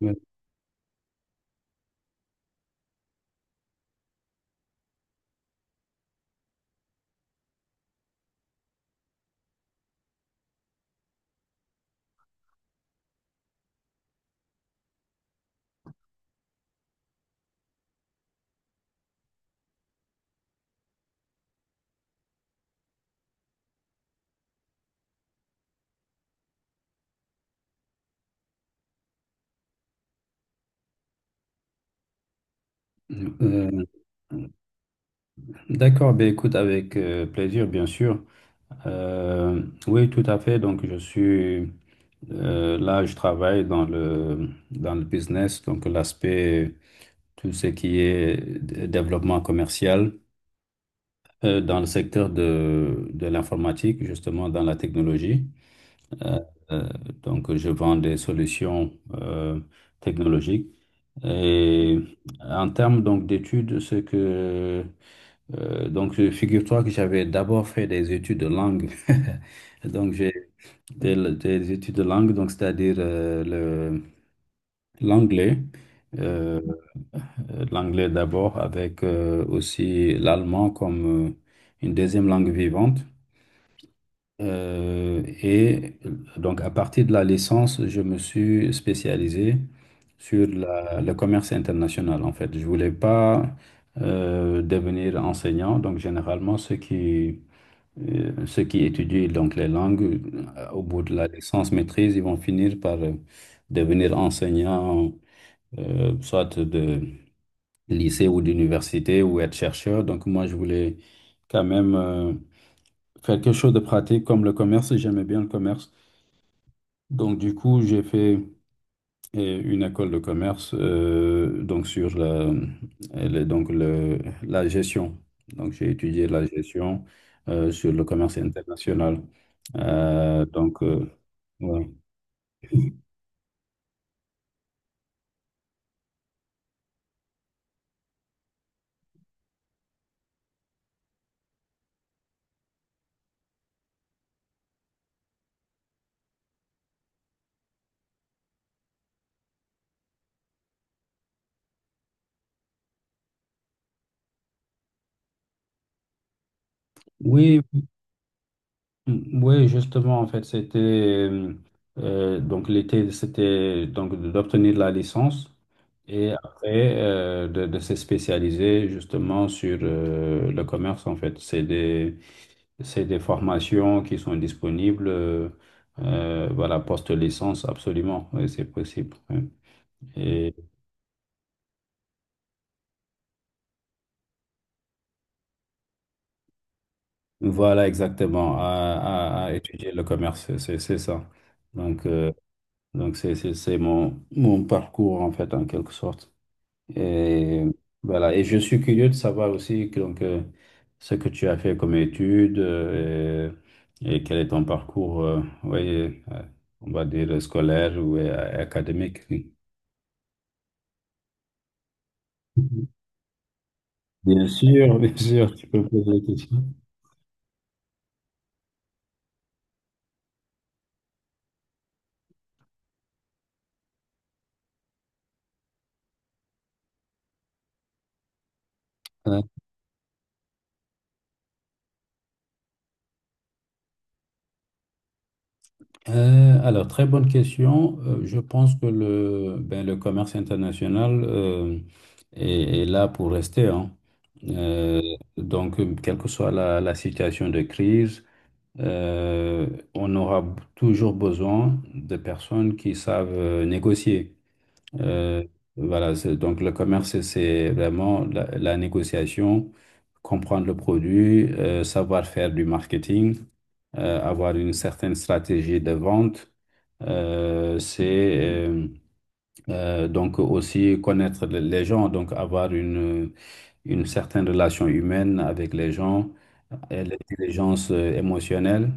Ouais. Ouais. D'accord, ben écoute, avec plaisir, bien sûr. Oui, tout à fait. Donc, je suis là, je travaille dans dans le business, donc l'aspect, tout ce qui est développement commercial dans le secteur de l'informatique, justement dans la technologie. Euh, euh, donc, je vends des solutions technologiques. Et en termes donc d'études, ce que donc, figure-toi que j'avais d'abord fait des études de langue. Donc, des études de langue, donc c'est-à-dire l'anglais. Euh, l'anglais d'abord avec aussi l'allemand comme une deuxième langue vivante. Et donc, à partir de la licence, je me suis spécialisé sur le commerce international, en fait. Je voulais pas devenir enseignant. Donc, généralement, ceux qui étudient donc les langues, au bout de la licence maîtrise, ils vont finir par devenir enseignants, soit de lycée ou d'université ou être chercheur. Donc moi, je voulais quand même faire quelque chose de pratique comme le commerce. J'aimais bien le commerce. Donc du coup, j'ai fait et une école de commerce donc sur la, elle est donc le, la gestion. Donc j'ai étudié la gestion sur le commerce international. Euh, donc euh, ouais. Oui, oui, justement en fait c'était donc l'été c'était donc d'obtenir la licence. Et après, de se spécialiser justement sur le commerce, en fait. C'est des formations qui sont disponibles, voilà, post-licence, absolument, oui, c'est possible. Oui. Et voilà, exactement, à étudier le commerce, c'est ça. Donc, euh, donc c'est mon parcours, en fait, en quelque sorte. Et voilà, et je suis curieux de savoir aussi que, donc, ce que tu as fait comme études et quel est ton parcours, oui, on va dire scolaire ou académique. Oui. Bien sûr, tu peux me poser la question. Ouais. Alors, très bonne question. Je pense que le, ben, le commerce international est, est là pour rester, hein. Euh, donc, quelle que soit la situation de crise, euh, on aura toujours besoin de personnes qui savent négocier. Euh, voilà, c'est- donc le commerce, c'est vraiment la négociation, comprendre le produit, savoir faire du marketing, avoir une certaine stratégie de vente. C'est euh, donc aussi connaître les gens, donc avoir une certaine relation humaine avec les gens et l'intelligence émotionnelle.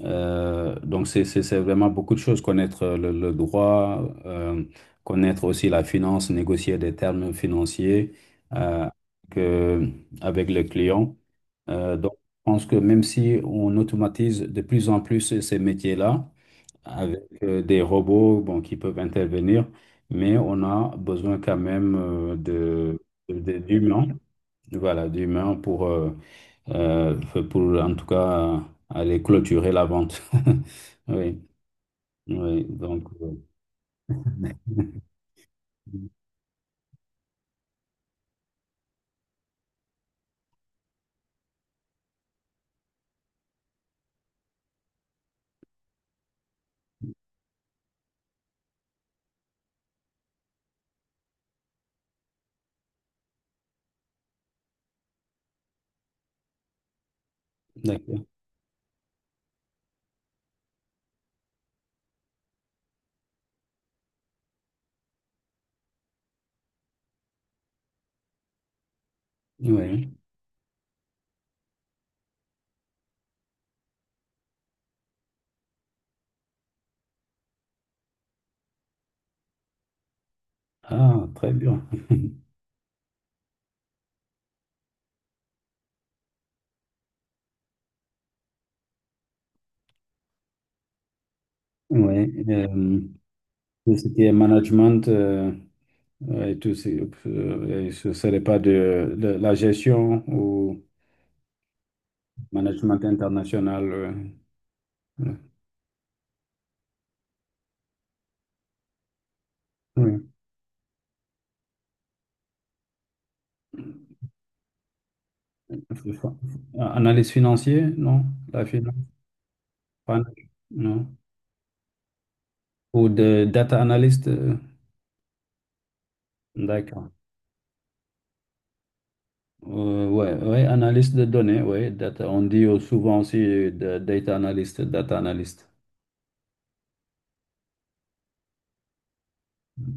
Donc, c'est vraiment beaucoup de choses. Connaître le droit, connaître aussi la finance, négocier des termes financiers euh, que- avec le client. Donc, je pense que même si on automatise de plus en plus ces métiers-là, avec des robots bon, qui peuvent intervenir, mais on a besoin quand même d'humains, voilà, d'humains euh, pour en tout cas aller clôturer la vente. Oui, oui, donc, d'accord. Oui, ah, très bien. Oui, tout ce qui est management et tout, ce et ce serait pas de, de la gestion ou management international. Euh, euh, oui. F- Analyse financier, non? La finance, pas- non? Ou de data analyst, d'accord. Ouais, ouais, analyste de données, ouais, data. On dit souvent aussi data analyst, data analyst.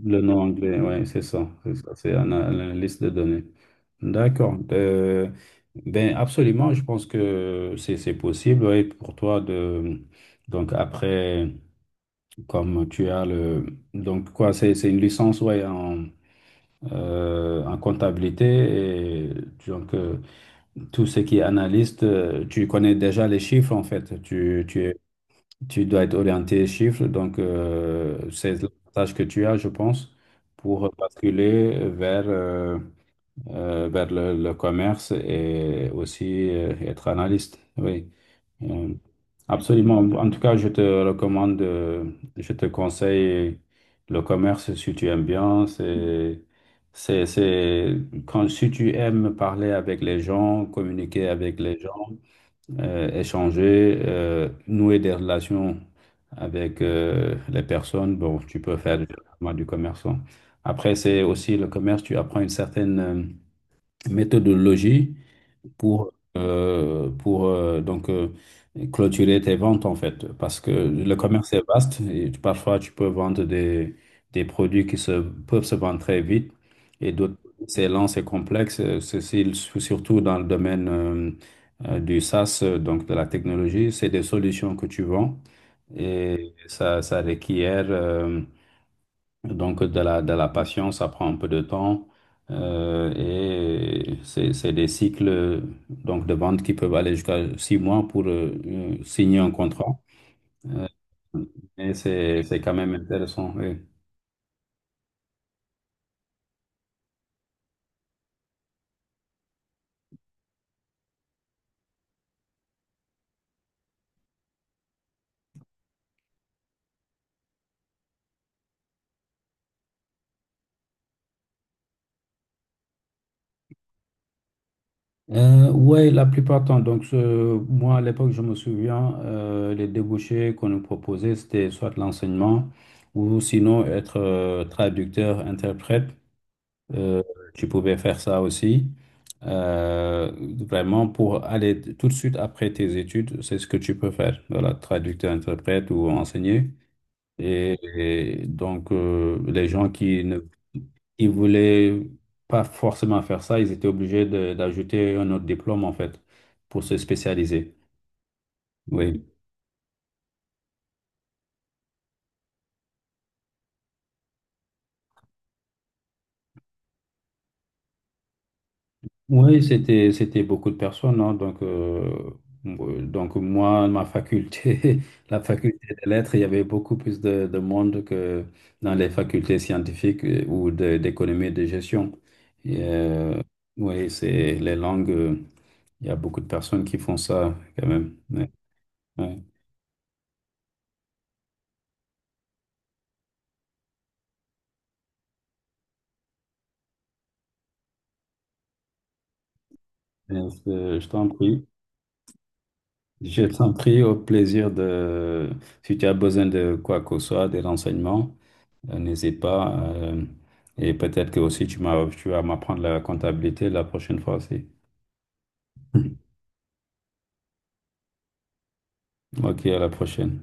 Le nom anglais, ouais, c'est ça, c'est un analyste de données. D'accord. Ben absolument, je pense que c'est possible, ouais, pour toi de donc après comme tu as le donc quoi, c'est une licence ouais en en comptabilité et donc tout ce qui est analyste, tu connais déjà les chiffres en fait, tu es Tu dois être orienté chiffres, donc c'est l'avantage que tu as, je pense, pour basculer vers le commerce et aussi être analyste. Oui, euh, absolument. En tout cas, je te recommande, je te conseille le commerce si tu aimes bien. C'est, quand, si tu aimes parler avec les gens, communiquer avec les gens échanger, nouer des relations avec les personnes. Bon, tu peux faire directement du commerçant. Après, c'est aussi le commerce, tu apprends une certaine méthodologie pour clôturer tes ventes, en fait. Parce que le commerce est vaste et parfois tu peux vendre des produits qui se, peuvent se vendre très vite et d'autres, c'est lent, c'est complexe. Ceci, surtout dans le domaine du SaaS, donc de la technologie, c'est des solutions que tu vends et ça requiert. Donc, de de la patience, ça prend un peu de temps c'est des cycles donc, de vente qui peuvent aller jusqu'à 6 mois pour signer un contrat. Euh, mais c'est quand même intéressant. Oui. Ouais, la plupart du temps. Donc, ce- moi, à l'époque, je me souviens, les débouchés qu'on nous proposait, c'était soit l'enseignement ou sinon être traducteur, interprète. Euh, tu pouvais faire ça aussi. Euh, vraiment, pour aller tout de suite après tes études, c'est ce que tu peux faire. Voilà, traducteur, interprète ou enseigner. Et, et donc, les gens qui ne qui voulaient pas forcément faire ça, ils étaient obligés de- d'ajouter un autre diplôme, en fait, pour se spécialiser. Oui. Oui, c'était beaucoup de personnes, hein. Donc moi, ma faculté, la faculté des lettres, il y avait beaucoup plus de monde que dans les facultés scientifiques ou d'économie et de gestion. Et, oui, c'est les langues. Euh, il y a beaucoup de personnes qui font ça quand même. Ouais, ouais. Mais, euh, je t'en prie, je t'en prie au plaisir de. Si tu as besoin de quoi que ce soit, des renseignements. N'hésite pas. Euh, et peut-être que aussi tu m'as, tu vas m'apprendre la comptabilité la prochaine fois aussi. Ok, à la prochaine.